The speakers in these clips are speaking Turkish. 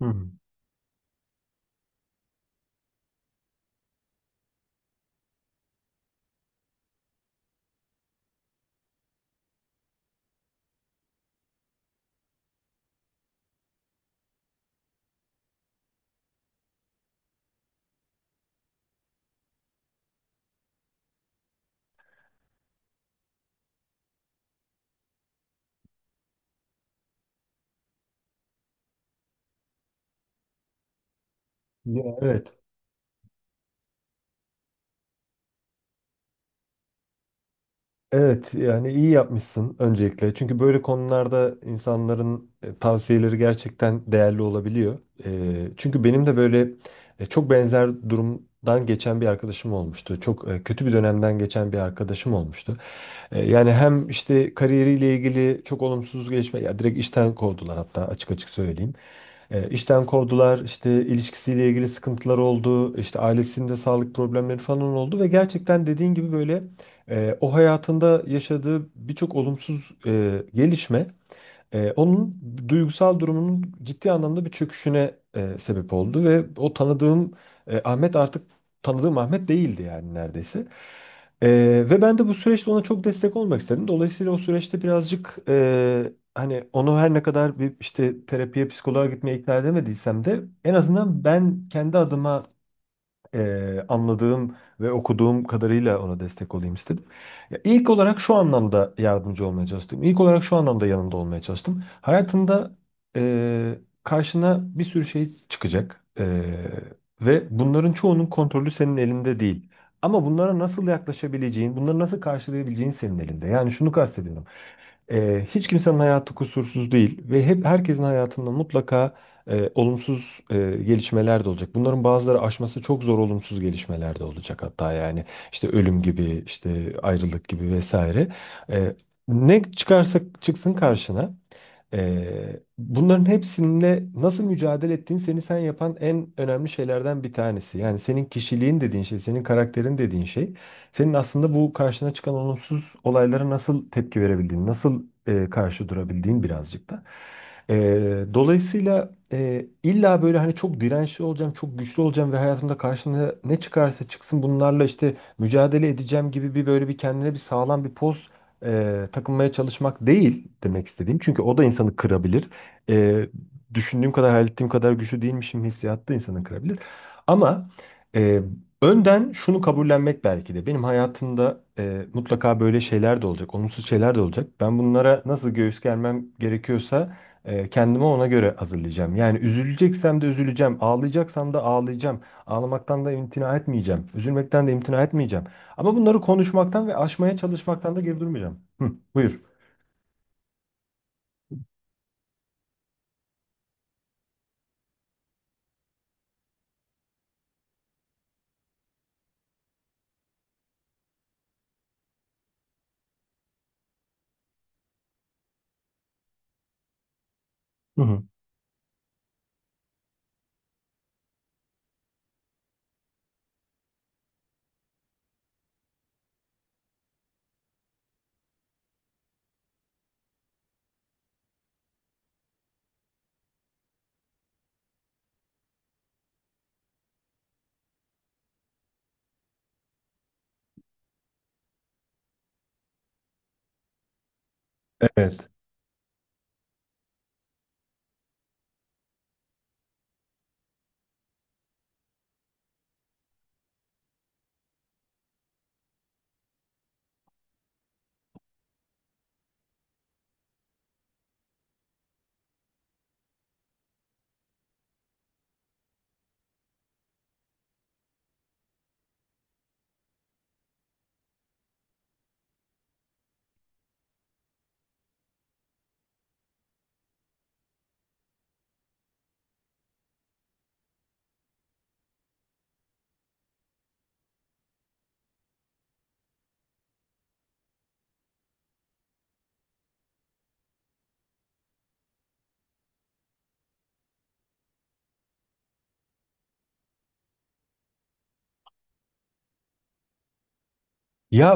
Hı. Ya evet. Evet, yani iyi yapmışsın öncelikle. Çünkü böyle konularda insanların tavsiyeleri gerçekten değerli olabiliyor. Çünkü benim de böyle çok benzer durumdan geçen bir arkadaşım olmuştu. Çok kötü bir dönemden geçen bir arkadaşım olmuştu. Yani hem işte kariyeriyle ilgili çok olumsuz gelişme, ya direkt işten kovdular, hatta açık açık söyleyeyim. İşten kovdular, işte ilişkisiyle ilgili sıkıntılar oldu, işte ailesinde sağlık problemleri falan oldu ve gerçekten dediğin gibi böyle o hayatında yaşadığı birçok olumsuz gelişme onun duygusal durumunun ciddi anlamda bir çöküşüne sebep oldu ve o tanıdığım Ahmet artık tanıdığım Ahmet değildi yani neredeyse. Ve ben de bu süreçte ona çok destek olmak istedim. Dolayısıyla o süreçte birazcık hani onu, her ne kadar bir işte terapiye, psikoloğa gitmeye ikna edemediysem de, en azından ben kendi adıma anladığım ve okuduğum kadarıyla ona destek olayım istedim. Ya ilk olarak şu anlamda yardımcı olmaya çalıştım. İlk olarak şu anlamda yanında olmaya çalıştım. Hayatında eee, karşına bir sürü şey çıkacak, ve bunların çoğunun kontrolü senin elinde değil. Ama bunlara nasıl yaklaşabileceğin, bunları nasıl karşılayabileceğin senin elinde. Yani şunu kastediyorum. Hiç kimsenin hayatı kusursuz değil ve hep herkesin hayatında mutlaka olumsuz gelişmeler de olacak. Bunların bazıları aşması çok zor olumsuz gelişmeler de olacak hatta, yani işte ölüm gibi, işte ayrılık gibi vesaire. Eee, ne çıkarsa çıksın karşına, bunların hepsinde nasıl mücadele ettiğin seni sen yapan en önemli şeylerden bir tanesi. Yani senin kişiliğin dediğin şey, senin karakterin dediğin şey, senin aslında bu karşına çıkan olumsuz olaylara nasıl tepki verebildiğin, nasıl karşı durabildiğin birazcık da. Dolayısıyla illa böyle hani çok dirençli olacağım, çok güçlü olacağım ve hayatımda karşımda ne çıkarsa çıksın bunlarla işte mücadele edeceğim gibi böyle bir kendine bir sağlam bir poz takılmaya çalışmak değil demek istediğim. Çünkü o da insanı kırabilir. E, Düşündüğüm kadar, hayal ettiğim kadar güçlü değilmişim hissiyatı da insanı kırabilir. Ama e, önden şunu kabullenmek belki de. Benim hayatımda mutlaka böyle şeyler de olacak, olumsuz şeyler de olacak. Ben bunlara nasıl göğüs germem gerekiyorsa kendimi ona göre hazırlayacağım. Yani üzüleceksem de üzüleceğim, ağlayacaksam da ağlayacağım. Ağlamaktan da imtina etmeyeceğim, üzülmekten de imtina etmeyeceğim. Ama bunları konuşmaktan ve aşmaya çalışmaktan da geri durmayacağım. Hı, buyur. Hı hı. Evet. Ya,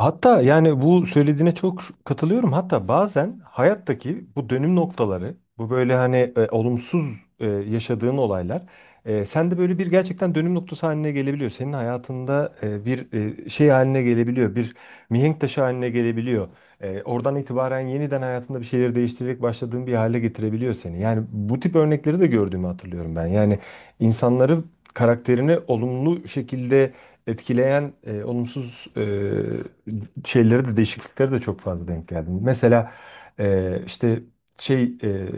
hatta yani bu söylediğine çok katılıyorum. Hatta bazen hayattaki bu dönüm noktaları, bu böyle hani olumsuz yaşadığın olaylar, sende böyle bir gerçekten dönüm noktası haline gelebiliyor. Senin hayatında bir şey haline gelebiliyor, bir mihenk taşı haline gelebiliyor. Oradan itibaren yeniden hayatında bir şeyleri değiştirerek başladığın bir hale getirebiliyor seni. Yani bu tip örnekleri de gördüğümü hatırlıyorum ben. Yani insanları karakterini olumlu şekilde etkileyen olumsuz şeyleri de değişiklikleri de çok fazla denk geldim. Mesela e, işte şey e,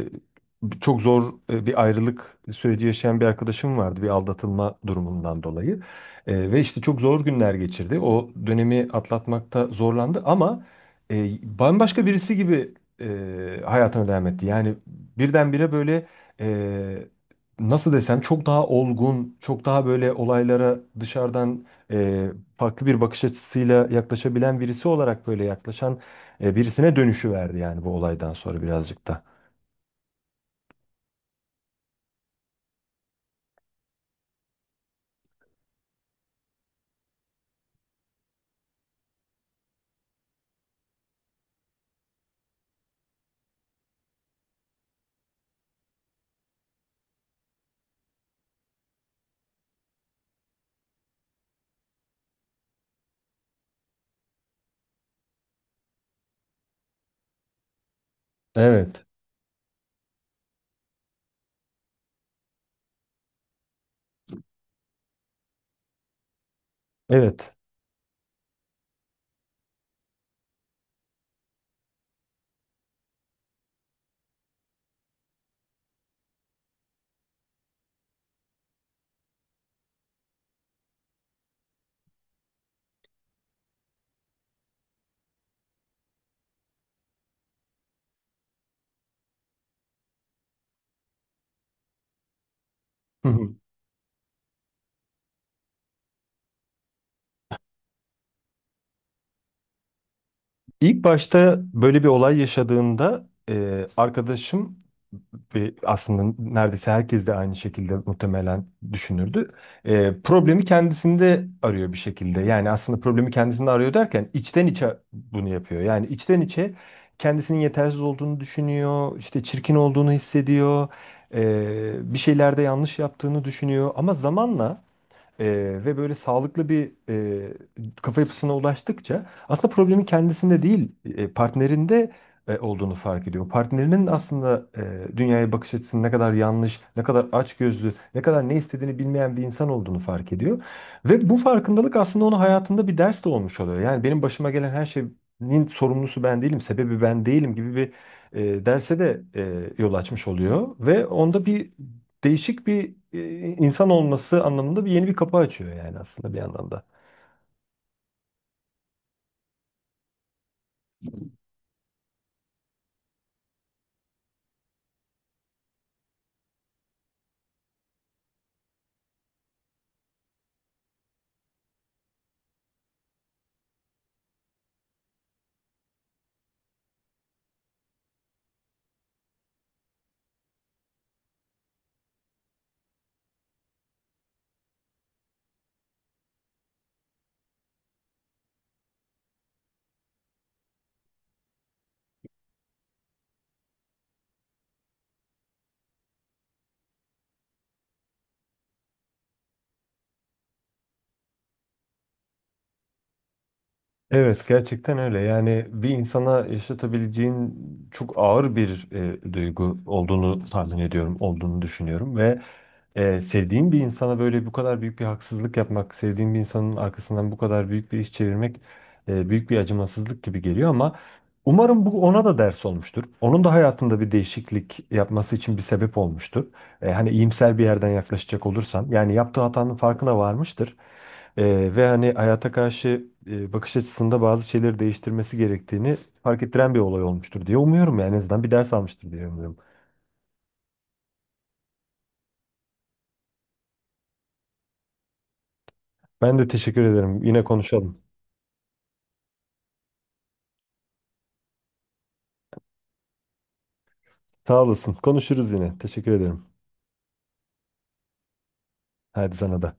çok zor bir ayrılık süreci yaşayan bir arkadaşım vardı, bir aldatılma durumundan dolayı. Ve işte çok zor günler geçirdi. O dönemi atlatmakta zorlandı ama e, bambaşka birisi gibi e, hayatına devam etti. Yani birdenbire böyle, e, nasıl desem, çok daha olgun, çok daha böyle olaylara dışarıdan e, farklı bir bakış açısıyla yaklaşabilen birisi olarak, böyle yaklaşan birisine dönüşü verdi yani bu olaydan sonra birazcık da. Evet, evet. Hı hı. İlk başta böyle bir olay yaşadığımda arkadaşım ve aslında neredeyse herkes de aynı şekilde muhtemelen düşünürdü. Problemi kendisinde arıyor bir şekilde. Yani aslında problemi kendisinde arıyor derken içten içe bunu yapıyor. Yani içten içe kendisinin yetersiz olduğunu düşünüyor, işte çirkin olduğunu hissediyor, bir şeylerde yanlış yaptığını düşünüyor. Ama zamanla ve böyle sağlıklı bir kafa yapısına ulaştıkça aslında problemin kendisinde değil, partnerinde olduğunu fark ediyor. Partnerinin aslında dünyaya bakış açısının ne kadar yanlış, ne kadar açgözlü, ne kadar ne istediğini bilmeyen bir insan olduğunu fark ediyor. Ve bu farkındalık aslında onun hayatında bir ders de olmuş oluyor. Yani benim başıma gelen her şeyin sorumlusu ben değilim, sebebi ben değilim gibi bir derse de yol açmış oluyor. Ve onda değişik bir insan olması anlamında bir yeni bir kapı açıyor yani aslında bir anlamda. Evet, gerçekten öyle. Yani bir insana yaşatabileceğin çok ağır bir duygu olduğunu tahmin ediyorum, olduğunu düşünüyorum ve sevdiğin bir insana böyle bu kadar büyük bir haksızlık yapmak, sevdiğin bir insanın arkasından bu kadar büyük bir iş çevirmek büyük bir acımasızlık gibi geliyor ama umarım bu ona da ders olmuştur. Onun da hayatında bir değişiklik yapması için bir sebep olmuştur. Hani iyimser bir yerden yaklaşacak olursam, yani yaptığı hatanın farkına varmıştır. Ve hani hayata karşı bakış açısında bazı şeyleri değiştirmesi gerektiğini fark ettiren bir olay olmuştur diye umuyorum, yani en azından bir ders almıştır diye umuyorum. Ben de teşekkür ederim. Yine konuşalım. Sağ olasın. Konuşuruz yine. Teşekkür ederim. Hadi sana da.